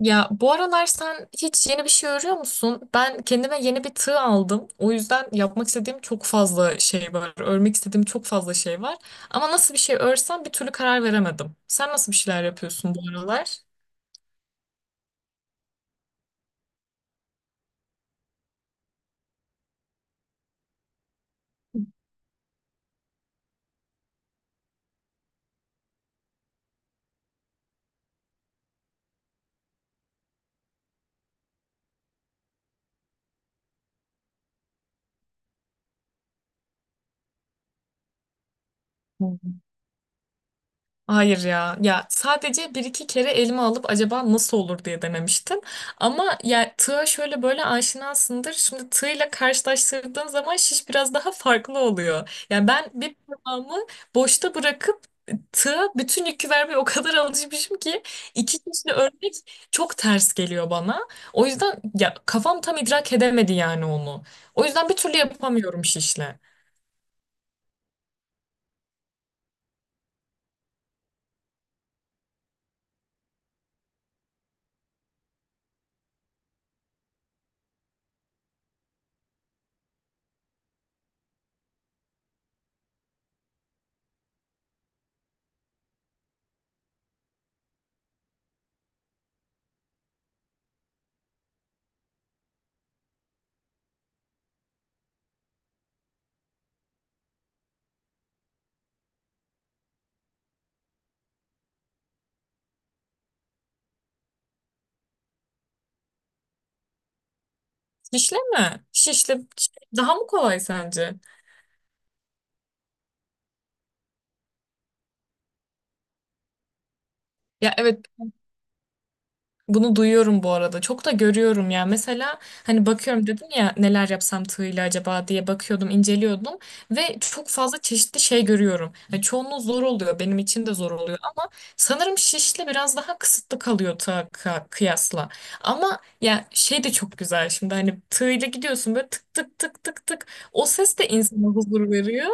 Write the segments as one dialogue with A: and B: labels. A: Ya bu aralar sen hiç yeni bir şey örüyor musun? Ben kendime yeni bir tığ aldım. O yüzden yapmak istediğim çok fazla şey var. Örmek istediğim çok fazla şey var. Ama nasıl bir şey örsem bir türlü karar veremedim. Sen nasıl bir şeyler yapıyorsun bu aralar? Hayır ya. Ya sadece bir iki kere elime alıp acaba nasıl olur diye denemiştim. Ama ya tığa şöyle böyle aşinasındır. Şimdi tığla karşılaştırdığın zaman şiş biraz daha farklı oluyor. Yani ben bir parmağımı boşta bırakıp tığa bütün yükü vermeye o kadar alışmışım ki iki kişi örmek çok ters geliyor bana. O yüzden ya kafam tam idrak edemedi yani onu. O yüzden bir türlü yapamıyorum şişle. Şişle mi? Şişle daha mı kolay sence? Ya, evet. Bunu duyuyorum bu arada. Çok da görüyorum ya. Mesela hani bakıyorum dedim ya neler yapsam tığıyla acaba diye bakıyordum, inceliyordum ve çok fazla çeşitli şey görüyorum. Yani çoğunluğu zor oluyor. Benim için de zor oluyor ama sanırım şişle biraz daha kısıtlı kalıyor tığa kıyasla. Ama ya şey de çok güzel şimdi hani tığıyla gidiyorsun böyle tık tık tık tık tık. O ses de insana huzur veriyor.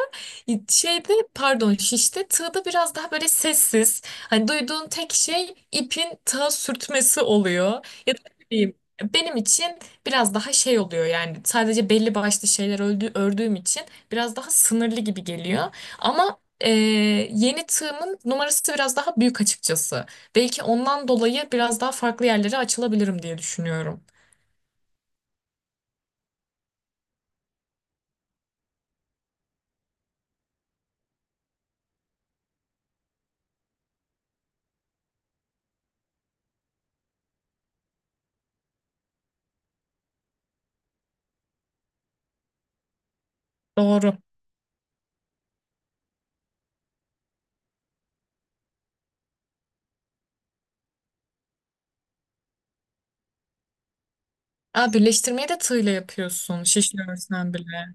A: Şeyde pardon şişte tığda biraz daha böyle sessiz. Hani duyduğun tek şey ipin tığa sürtmesi oluyor. Ya da ne bileyim, benim için biraz daha şey oluyor yani sadece belli başlı şeyler ördüğüm için biraz daha sınırlı gibi geliyor. Ama yeni tığımın numarası biraz daha büyük açıkçası. Belki ondan dolayı biraz daha farklı yerlere açılabilirim diye düşünüyorum. Doğru. Aa, birleştirmeyi de tığla yapıyorsun şişli örsen bile.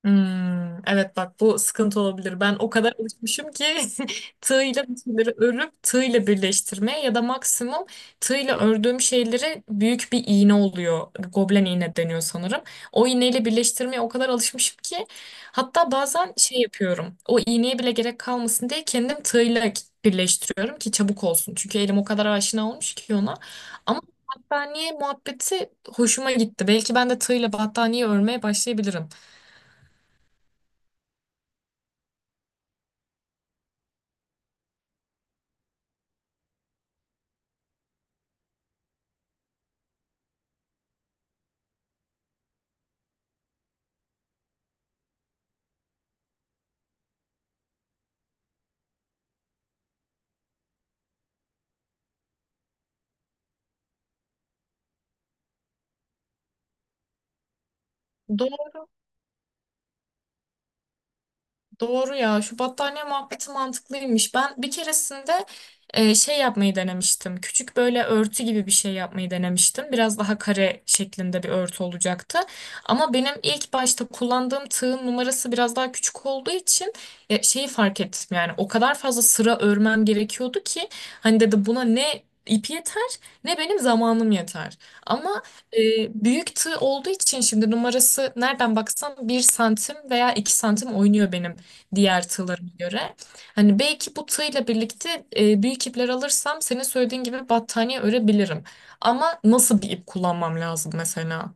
A: Hmm, evet bak bu sıkıntı olabilir. Ben o kadar alışmışım ki tığıyla bir şeyleri örüp tığıyla birleştirmeye ya da maksimum tığıyla ördüğüm şeyleri büyük bir iğne oluyor. Goblen iğne deniyor sanırım. O iğneyle birleştirmeye o kadar alışmışım ki hatta bazen şey yapıyorum. O iğneye bile gerek kalmasın diye kendim tığıyla birleştiriyorum ki çabuk olsun. Çünkü elim o kadar aşina olmuş ki ona. Ama battaniye muhabbeti hoşuma gitti. Belki ben de tığıyla battaniye örmeye başlayabilirim. Doğru ya, şu battaniye muhabbeti mantıklıymış. Ben bir keresinde şey yapmayı denemiştim. Küçük böyle örtü gibi bir şey yapmayı denemiştim. Biraz daha kare şeklinde bir örtü olacaktı. Ama benim ilk başta kullandığım tığın numarası biraz daha küçük olduğu için şeyi fark ettim. Yani o kadar fazla sıra örmem gerekiyordu ki hani dedi buna ne ip yeter ne benim zamanım yeter. Ama e, büyük tığ olduğu için şimdi numarası nereden baksan 1 santim veya 2 santim oynuyor benim diğer tığlarıma göre. Hani belki bu tığla birlikte büyük ipler alırsam senin söylediğin gibi battaniye örebilirim. Ama nasıl bir ip kullanmam lazım mesela?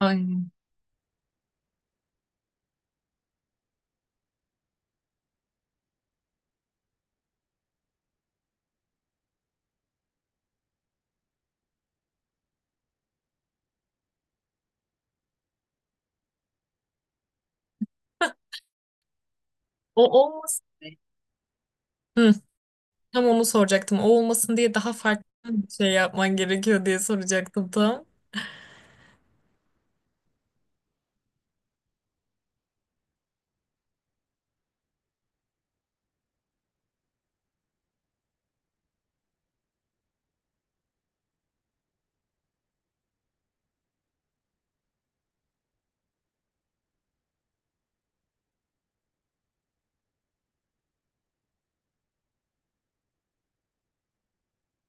A: Aynen. O olmasın Hı, tam onu soracaktım. O olmasın diye daha farklı bir şey yapman gerekiyor diye soracaktım tam.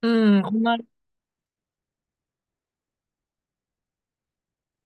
A: Hmm, onlar.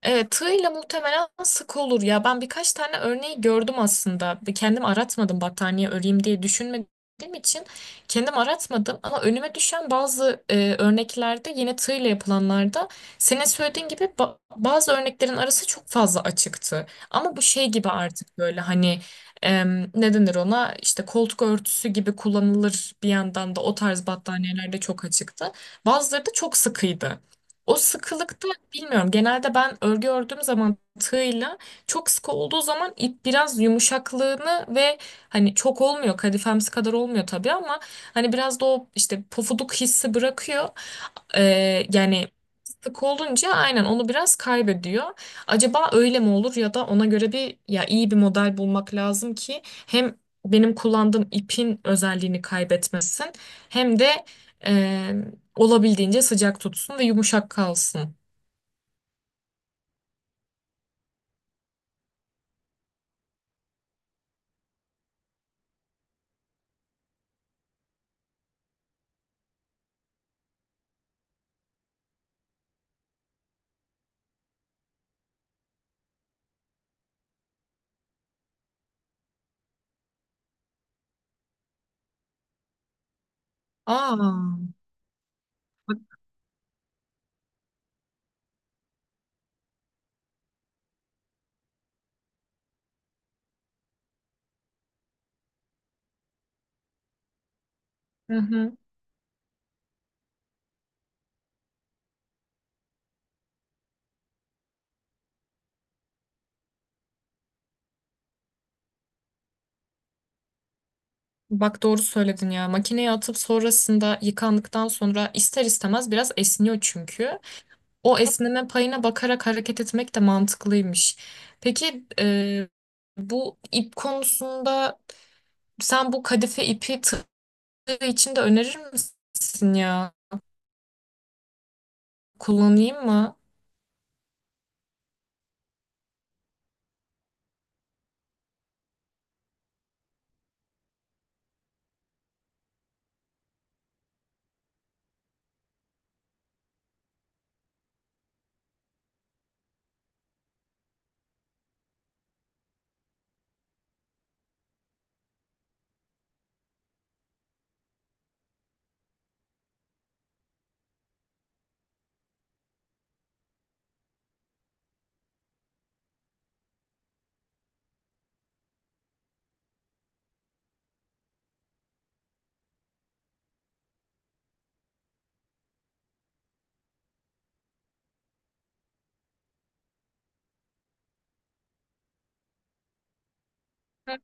A: Evet, tığıyla muhtemelen sık olur ya. Ben birkaç tane örneği gördüm aslında. Kendim aratmadım battaniye öreyim diye düşünmediğim için kendim aratmadım. Ama önüme düşen bazı örneklerde yine tığıyla yapılanlarda senin söylediğin gibi bazı örneklerin arası çok fazla açıktı. Ama bu şey gibi artık böyle hani ne denir ona, işte koltuk örtüsü gibi kullanılır bir yandan da, o tarz battaniyelerde çok açıktı. Bazıları da çok sıkıydı. O sıkılıkta bilmiyorum. Genelde ben örgü ördüğüm zaman tığla çok sıkı olduğu zaman ip biraz yumuşaklığını ve hani çok olmuyor kadifemsi kadar olmuyor tabii ama hani biraz da o işte pofuduk hissi bırakıyor. Yani sık olunca aynen onu biraz kaybediyor. Acaba öyle mi olur ya da ona göre bir ya iyi bir model bulmak lazım ki hem benim kullandığım ipin özelliğini kaybetmesin hem de olabildiğince sıcak tutsun ve yumuşak kalsın. Aa, hı hı. Bak doğru söyledin ya. Makineye atıp sonrasında yıkandıktan sonra ister istemez biraz esniyor çünkü. O esneme payına bakarak hareket etmek de mantıklıymış. Peki bu ip konusunda sen bu kadife ipi tığ için de önerir misin ya? Kullanayım mı?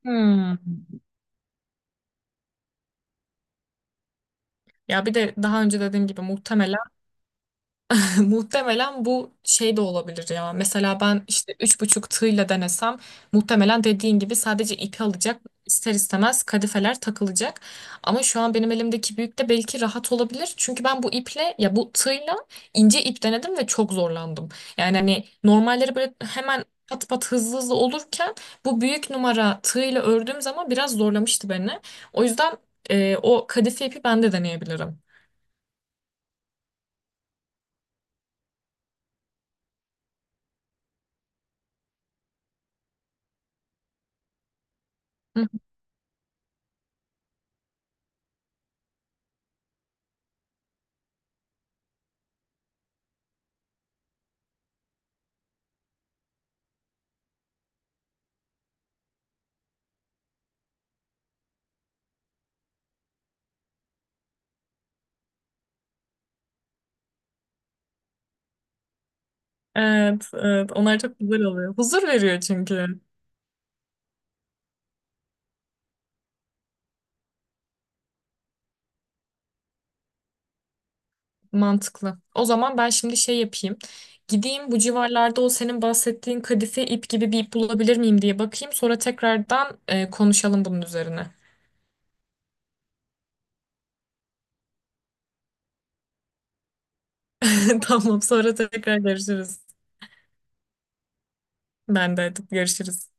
A: Hmm. Ya bir de daha önce dediğim gibi muhtemelen bu şey de olabilir ya. Mesela ben işte 3,5 tığla denesem muhtemelen dediğin gibi sadece ipi alacak. İster istemez kadifeler takılacak. Ama şu an benim elimdeki büyük de belki rahat olabilir. Çünkü ben bu iple ya bu tığla ince ip denedim ve çok zorlandım. Yani hani normalleri böyle hemen pat pat hızlı hızlı olurken bu büyük numara tığla ördüğüm zaman biraz zorlamıştı beni. O yüzden o kadife ipi ben de deneyebilirim. Evet, evet. Onlar çok güzel oluyor. Huzur veriyor çünkü. Mantıklı. O zaman ben şimdi şey yapayım. Gideyim bu civarlarda o senin bahsettiğin kadife ip gibi bir ip bulabilir miyim diye bakayım. Sonra tekrardan konuşalım bunun üzerine. Tamam, sonra tekrar görüşürüz. Ben de hadi görüşürüz.